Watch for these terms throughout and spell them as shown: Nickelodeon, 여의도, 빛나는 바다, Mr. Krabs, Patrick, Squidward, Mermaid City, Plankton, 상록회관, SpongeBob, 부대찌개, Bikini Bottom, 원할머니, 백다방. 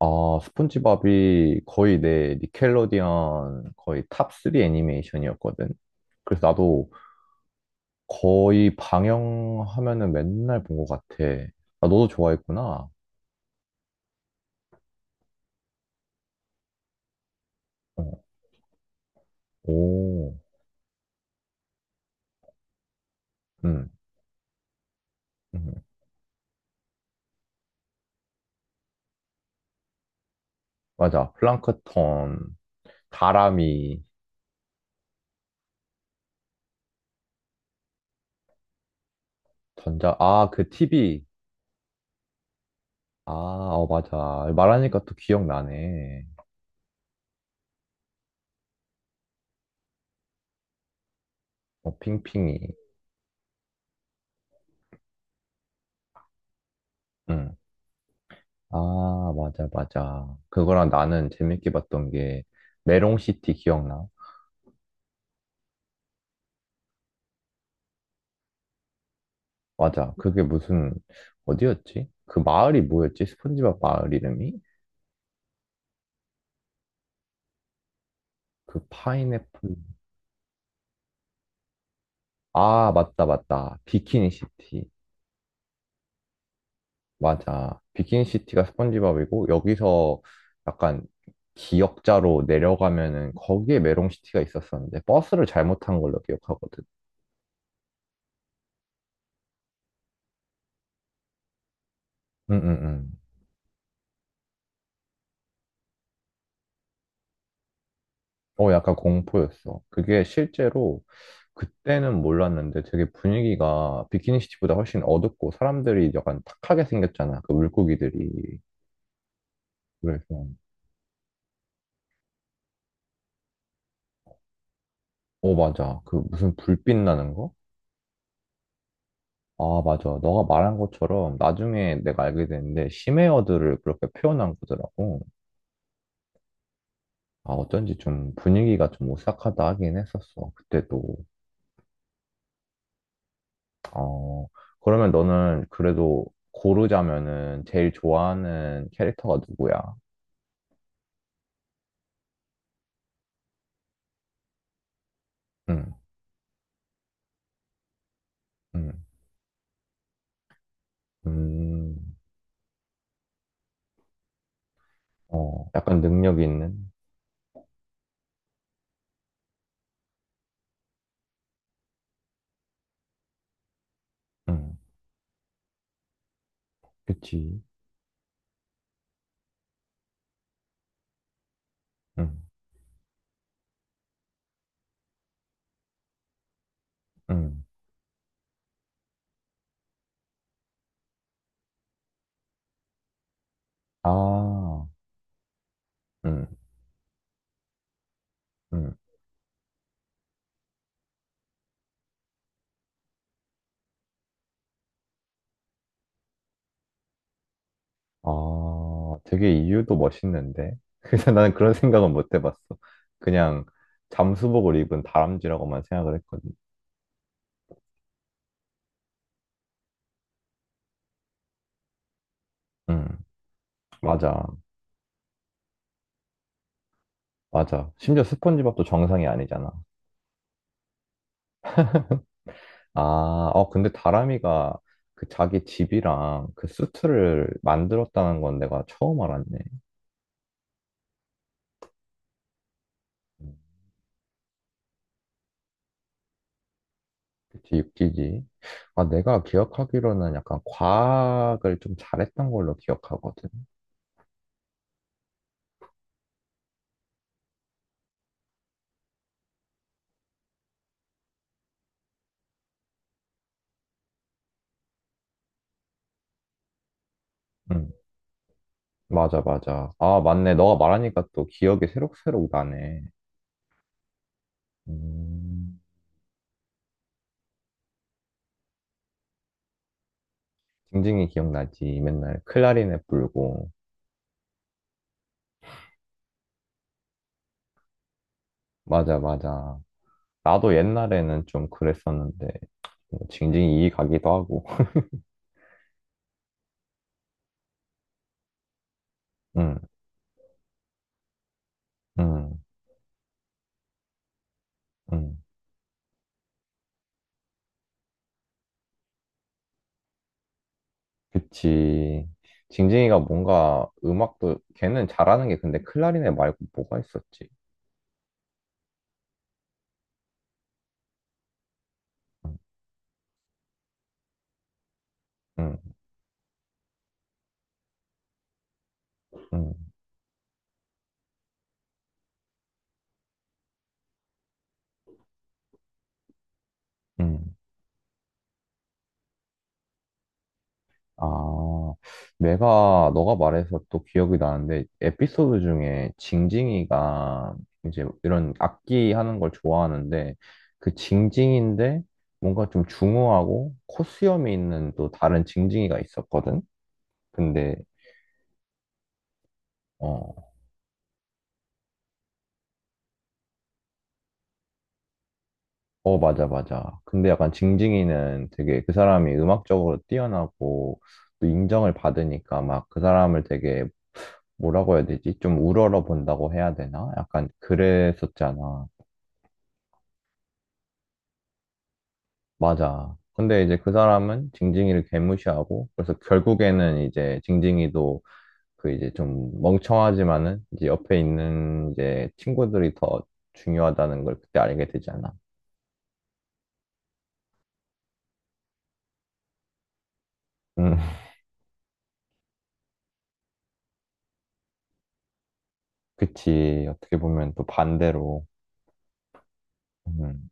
아, 스폰지밥이 거의 내 니켈로디언 거의 탑3 애니메이션이었거든. 그래서 나도 거의 방영하면은 맨날 본 것 같아. 아, 너도 좋아했구나. 어, 오, 음, 음. 맞아. 플랑크톤, 다람이, 전자, 아, 그 TV. 아, 어, 맞아. 말하니까 또 기억나네. 어, 핑핑이. 응. 아, 맞아, 맞아. 그거랑 나는 재밌게 봤던 게 메롱시티 기억나? 맞아. 그게 무슨, 어디였지? 그 마을이 뭐였지? 스폰지밥 마을 이름이? 그 파인애플. 아, 맞다, 맞다. 비키니 시티. 맞아. 비키니 시티가 스폰지밥이고, 여기서 약간 기역자로 내려가면은 거기에 메롱 시티가 있었었는데, 버스를 잘못 탄 걸로 기억하거든. 응, 응, 응. 어, 약간 공포였어. 그게 실제로 그때는 몰랐는데 되게 분위기가 비키니 시티보다 훨씬 어둡고 사람들이 약간 탁하게 생겼잖아. 그 물고기들이. 그래서 어 맞아 그 무슨 불빛 나는 거? 아 맞아 너가 말한 것처럼 나중에 내가 알게 됐는데 심해어들을 그렇게 표현한 거더라고. 아 어쩐지 좀 분위기가 좀 오싹하다 하긴 했었어, 그때도. 어, 그러면 너는 그래도 고르자면은 제일 좋아하는 캐릭터가 누구야? 응, 응, 음, 어, 약간 능력 있는? 응, 그치. 응, 응. 아, 응, 응. 아, 되게 이유도 멋있는데. 그래서 나는 그런 생각은 못 해봤어. 그냥 잠수복을 입은 다람쥐라고만 생각을 했거든. 응, 맞아, 맞아. 심지어 스폰지밥도 정상이 아니잖아. 아, 어, 근데 다람이가 그 자기 집이랑 그 수트를 만들었다는 건 내가 처음 알았네. 음, 그치, 육지지. 아, 내가 기억하기로는 약간 과학을 좀 잘했던 걸로 기억하거든. 응. 맞아, 맞아. 아, 맞네. 너가 말하니까 또 기억이 새록새록 나네. 음, 징징이 기억나지. 맨날 클라리넷 불고. 맞아, 맞아. 나도 옛날에는 좀 그랬었는데, 뭐 징징이 이 가기도 하고. 응, 응, 응. 그치. 징징이가 뭔가 음악도, 걔는 잘하는 게 근데 클라리넷 말고 뭐가 있었지? 응, 응, 응. 응. 아, 내가, 너가 말해서 또 기억이 나는데, 에피소드 중에 징징이가 이제 이런 악기 하는 걸 좋아하는데, 그 징징인데 뭔가 좀 중후하고 코수염이 있는 또 다른 징징이가 있었거든? 근데, 어, 어, 맞아, 맞아. 근데 약간 징징이는 되게 그 사람이 음악적으로 뛰어나고 또 인정을 받으니까 막 그 사람을 되게 뭐라고 해야 되지? 좀 우러러 본다고 해야 되나? 약간 그랬었잖아. 맞아. 근데 이제 그 사람은 징징이를 개무시하고, 그래서 결국에는 이제 징징이도 그 이제 좀 멍청하지만은 이제 옆에 있는 이제 친구들이 더 중요하다는 걸 그때 알게 되잖아. 음, 그치. 어떻게 보면 또 반대로. 음,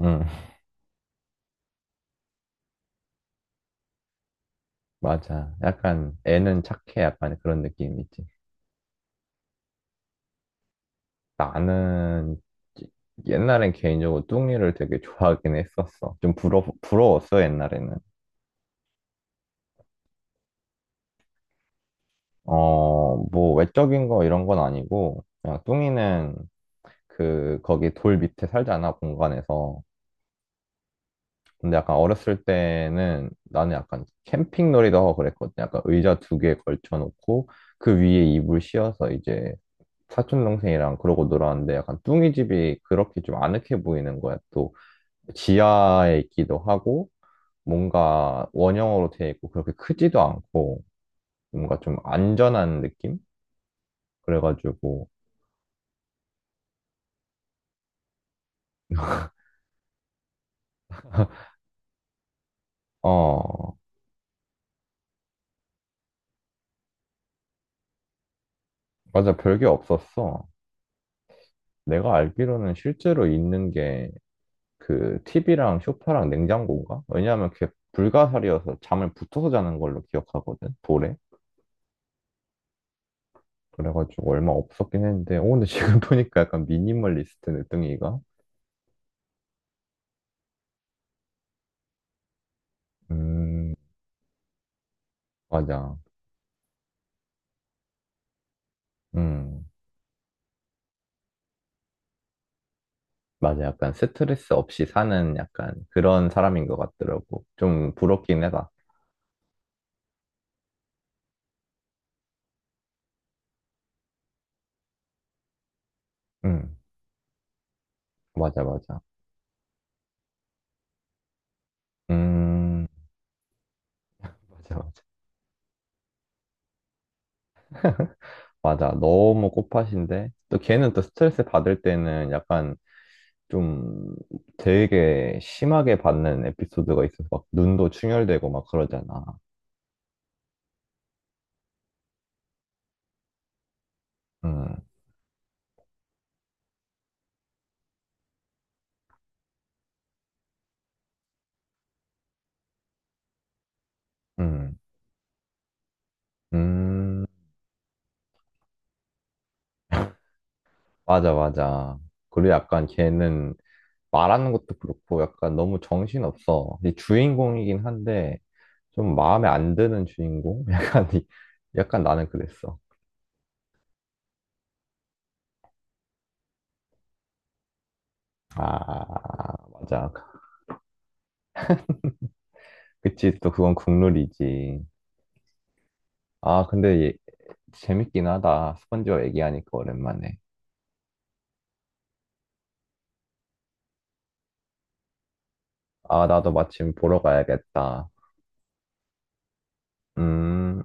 음, 맞아. 약간 애는 착해. 약간 그런 느낌이지. 나는 옛날엔 개인적으로 뚱이를 되게 좋아하긴 했었어. 좀 부러웠어, 옛날에는. 어, 뭐, 외적인 거 이런 건 아니고, 그냥 뚱이는 그, 거기 돌 밑에 살잖아, 공간에서. 근데 약간 어렸을 때는 나는 약간 캠핑 놀이도 하고 그랬거든. 약간 의자 두 개 걸쳐놓고, 그 위에 이불 씌워서 이제 사촌동생이랑 그러고 놀았는데, 약간 뚱이 집이 그렇게 좀 아늑해 보이는 거야. 또, 지하에 있기도 하고, 뭔가 원형으로 돼 있고, 그렇게 크지도 않고, 뭔가 좀 안전한 느낌? 그래가지고, 어, 맞아, 별게 없었어. 내가 알기로는 실제로 있는 게 그 TV랑 소파랑 냉장고인가? 왜냐하면 그게 불가사리여서 잠을 붙어서 자는 걸로 기억하거든, 돌에. 그래가지고 얼마 없었긴 했는데, 오, 근데 지금 보니까 약간 미니멀리스트 늦둥이가? 음, 맞아. 음, 맞아. 약간 스트레스 없이 사는 약간 그런 사람인 것 같더라고. 좀 부럽긴 해다. 음, 맞아, 맞아. 음, 맞아. 맞아. 너무 꽃밭인데 또 걔는 또 스트레스 받을 때는 약간 좀 되게 심하게 받는 에피소드가 있어서 막 눈도 충혈되고 막 그러잖아. 응, 응, 음, 맞아, 맞아. 그리고 약간 걔는 말하는 것도 그렇고 약간 너무 정신없어. 이 주인공이긴 한데 좀 마음에 안 드는 주인공? 약간, 약간 나는 그랬어. 아, 맞아. 그치, 또 그건 국룰이지. 아, 근데 재밌긴 하다. 스펀지밥 얘기하니까 오랜만에. 아, 나도 마침 보러 가야겠다. 음.